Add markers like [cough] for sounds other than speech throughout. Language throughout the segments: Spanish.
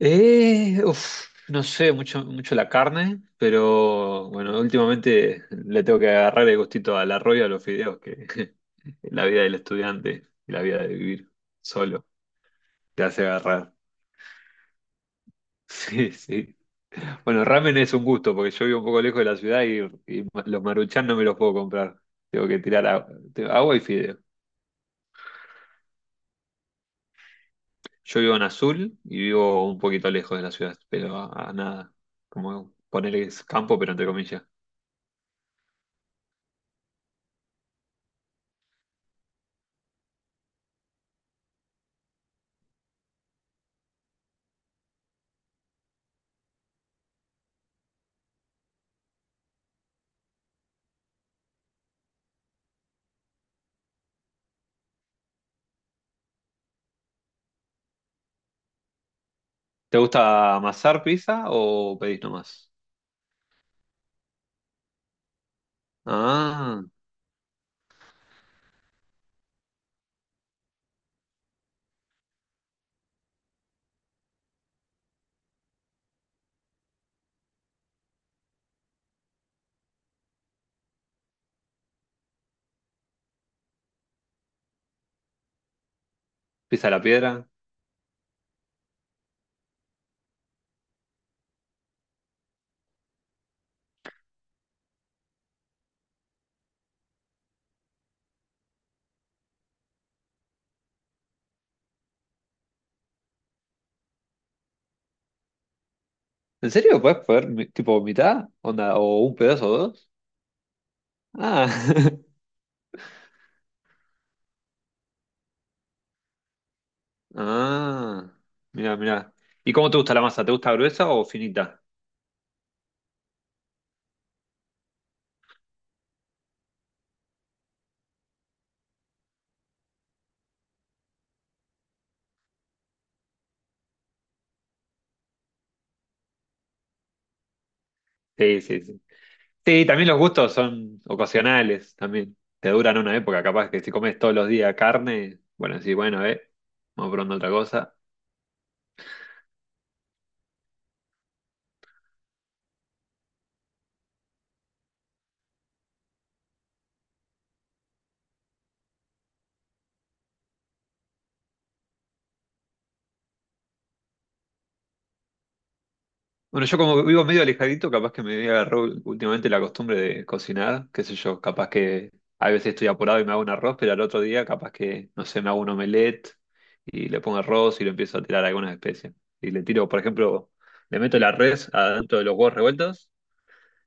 No sé mucho la carne, pero bueno, últimamente le tengo que agarrar el gustito al arroz y a los fideos, que [laughs] la vida del estudiante y la vida de vivir solo te hace agarrar. [laughs] Sí, sí. Bueno, ramen es un gusto, porque yo vivo un poco lejos de la ciudad y los maruchan no me los puedo comprar. Tengo que tirar agua, agua y fideo. Yo vivo en Azul y vivo un poquito lejos de la ciudad, pero a nada, como ponerles campo, pero entre comillas. ¿Te gusta amasar pizza o pedís nomás? Ah, pizza a la piedra. ¿En serio? ¿Puedes poner mi- tipo mitad? ¿Onda? ¿O un pedazo o dos? Ah, [laughs] ah, mira, mira. ¿Y cómo te gusta la masa? ¿Te gusta gruesa o finita? Sí, sí, sí. Sí, también los gustos son ocasionales, también. Te duran una época, capaz que si comes todos los días carne, bueno, sí, bueno, vamos probando otra cosa. Bueno, yo como vivo medio alejadito, capaz que me agarró últimamente la costumbre de cocinar, qué sé yo, capaz que a veces estoy apurado y me hago un arroz, pero al otro día capaz que, no sé, me hago un omelette y le pongo arroz y le empiezo a tirar algunas especias. Y le tiro, por ejemplo, le meto la res adentro de los huevos revueltos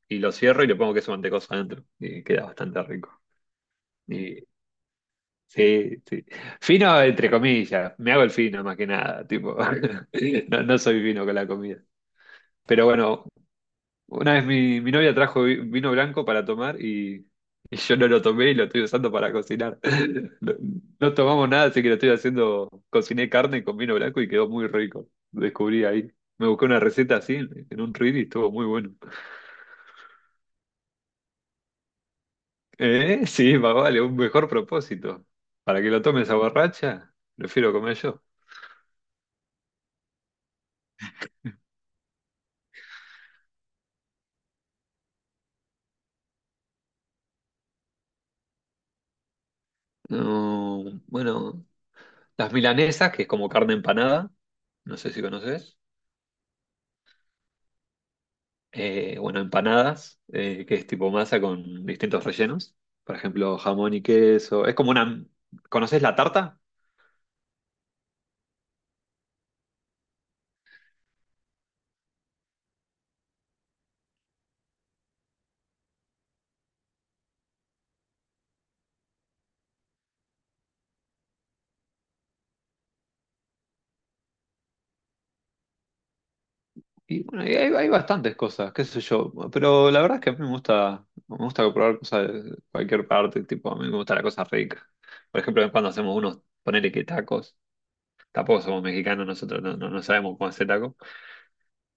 y lo cierro y le pongo queso mantecoso adentro y queda bastante rico. Y sí, sí. Fino entre comillas, me hago el fino más que nada, tipo, [laughs] no, no soy fino con la comida. Pero bueno, una vez mi novia trajo vino blanco para tomar y yo no lo tomé y lo estoy usando para cocinar. [laughs] No, no tomamos nada, así que lo estoy haciendo. Cociné carne con vino blanco y quedó muy rico. Lo descubrí ahí. Me busqué una receta así en un Reddit y estuvo muy bueno. Sí, más vale, un mejor propósito. Para que lo tome esa borracha, prefiero comer yo. No, bueno, las milanesas, que es como carne empanada, no sé si conoces. Bueno, empanadas, que es tipo masa con distintos rellenos. Por ejemplo, jamón y queso. Es como una... ¿Conoces la tarta? Y bueno, y hay bastantes cosas, qué sé yo. Pero la verdad es que a mí me gusta probar cosas de cualquier parte. Tipo, a mí me gusta la cosa rica. Por ejemplo, cuando hacemos unos, ponele que tacos. Tampoco somos mexicanos, nosotros no, no, no sabemos cómo hacer tacos.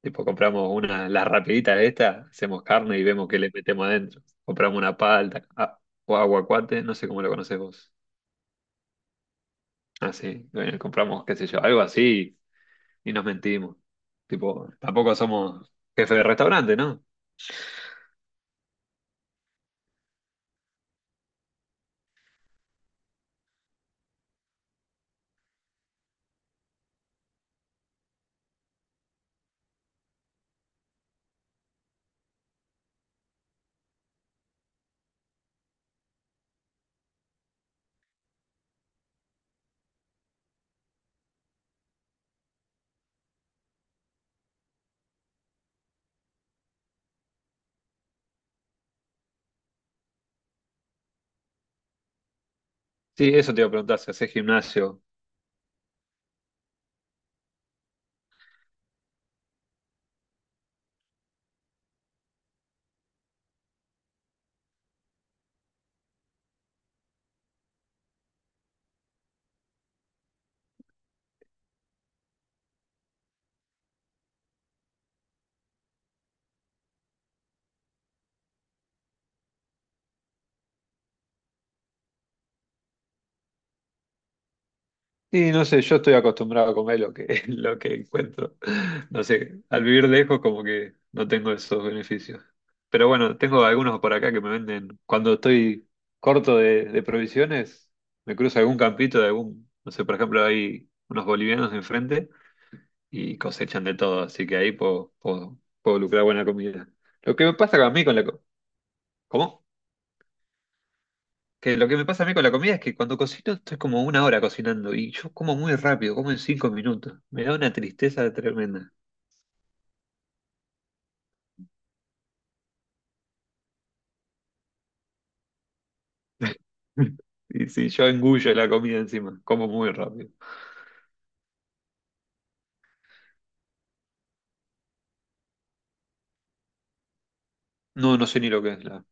Tipo, compramos una, las rapiditas estas, hacemos carne y vemos qué le metemos adentro. Compramos una palta o aguacate, no sé cómo lo conoces vos. Ah, sí, bueno, compramos, qué sé yo, algo así y nos mentimos. Tipo, tampoco somos jefe de restaurante, ¿no? Sí, eso te iba a preguntar, si haces gimnasio. Y no sé, yo estoy acostumbrado a comer lo que, [laughs] lo que encuentro. No sé, al vivir lejos como que no tengo esos beneficios. Pero bueno, tengo algunos por acá que me venden. Cuando estoy corto de provisiones, me cruzo algún campito de algún, no sé, por ejemplo, hay unos bolivianos enfrente y cosechan de todo, así que ahí puedo lucrar buena comida. Lo que me pasa a mí con la co- ¿Cómo? Que lo que me pasa a mí con la comida es que cuando cocino estoy como una hora cocinando y yo como muy rápido, como en cinco minutos. Me da una tristeza tremenda. [laughs] Y si yo engullo la comida encima, como muy rápido. No, no sé ni lo que es la.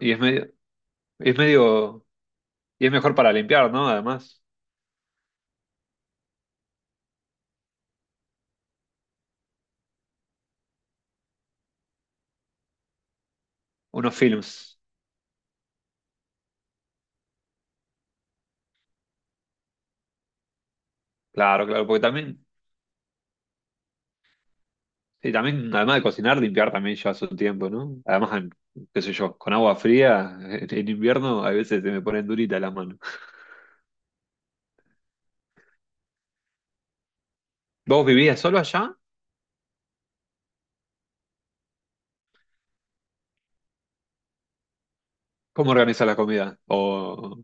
Y es medio, y es mejor para limpiar, ¿no? Además, unos films. Claro, claro, porque también sí, también, además de cocinar, limpiar también lleva su tiempo, ¿no? Además, qué sé yo, con agua fría, [laughs] en invierno a veces se me ponen duritas las manos. ¿Vos vivías solo allá? ¿Cómo organizas la comida? O,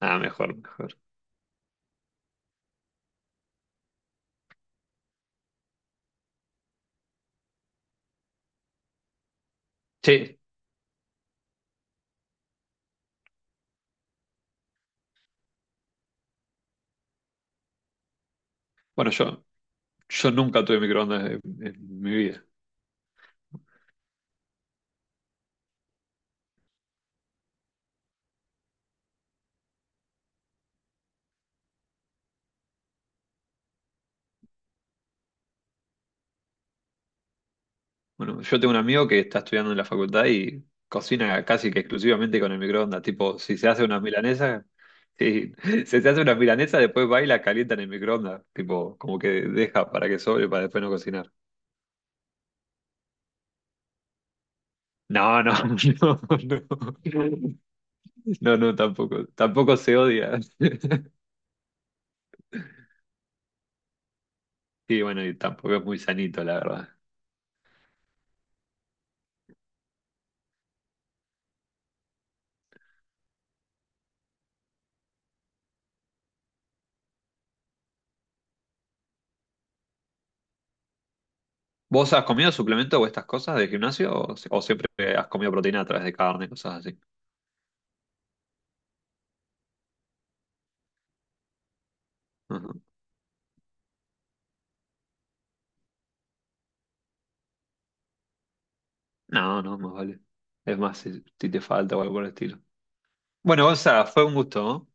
ah, mejor, mejor. Sí, bueno, yo nunca tuve microondas en mi vida. Bueno, yo tengo un amigo que está estudiando en la facultad y cocina casi que exclusivamente con el microondas. Tipo, si se hace una milanesa sí, [laughs] si se hace una milanesa después va y la calienta en el microondas. Tipo, como que deja para que sobre para después no cocinar. No, no, [laughs] no, no. No, no, tampoco. Tampoco se odia. [laughs] Sí, bueno, y tampoco es muy sanito, la verdad. ¿Vos has comido suplementos o estas cosas de gimnasio o, si- o siempre has comido proteína a través de carne, cosas así? Ajá. No, no, más vale. Es más, si te falta o algo por el estilo. Bueno, Gonza, fue un gusto, ¿no?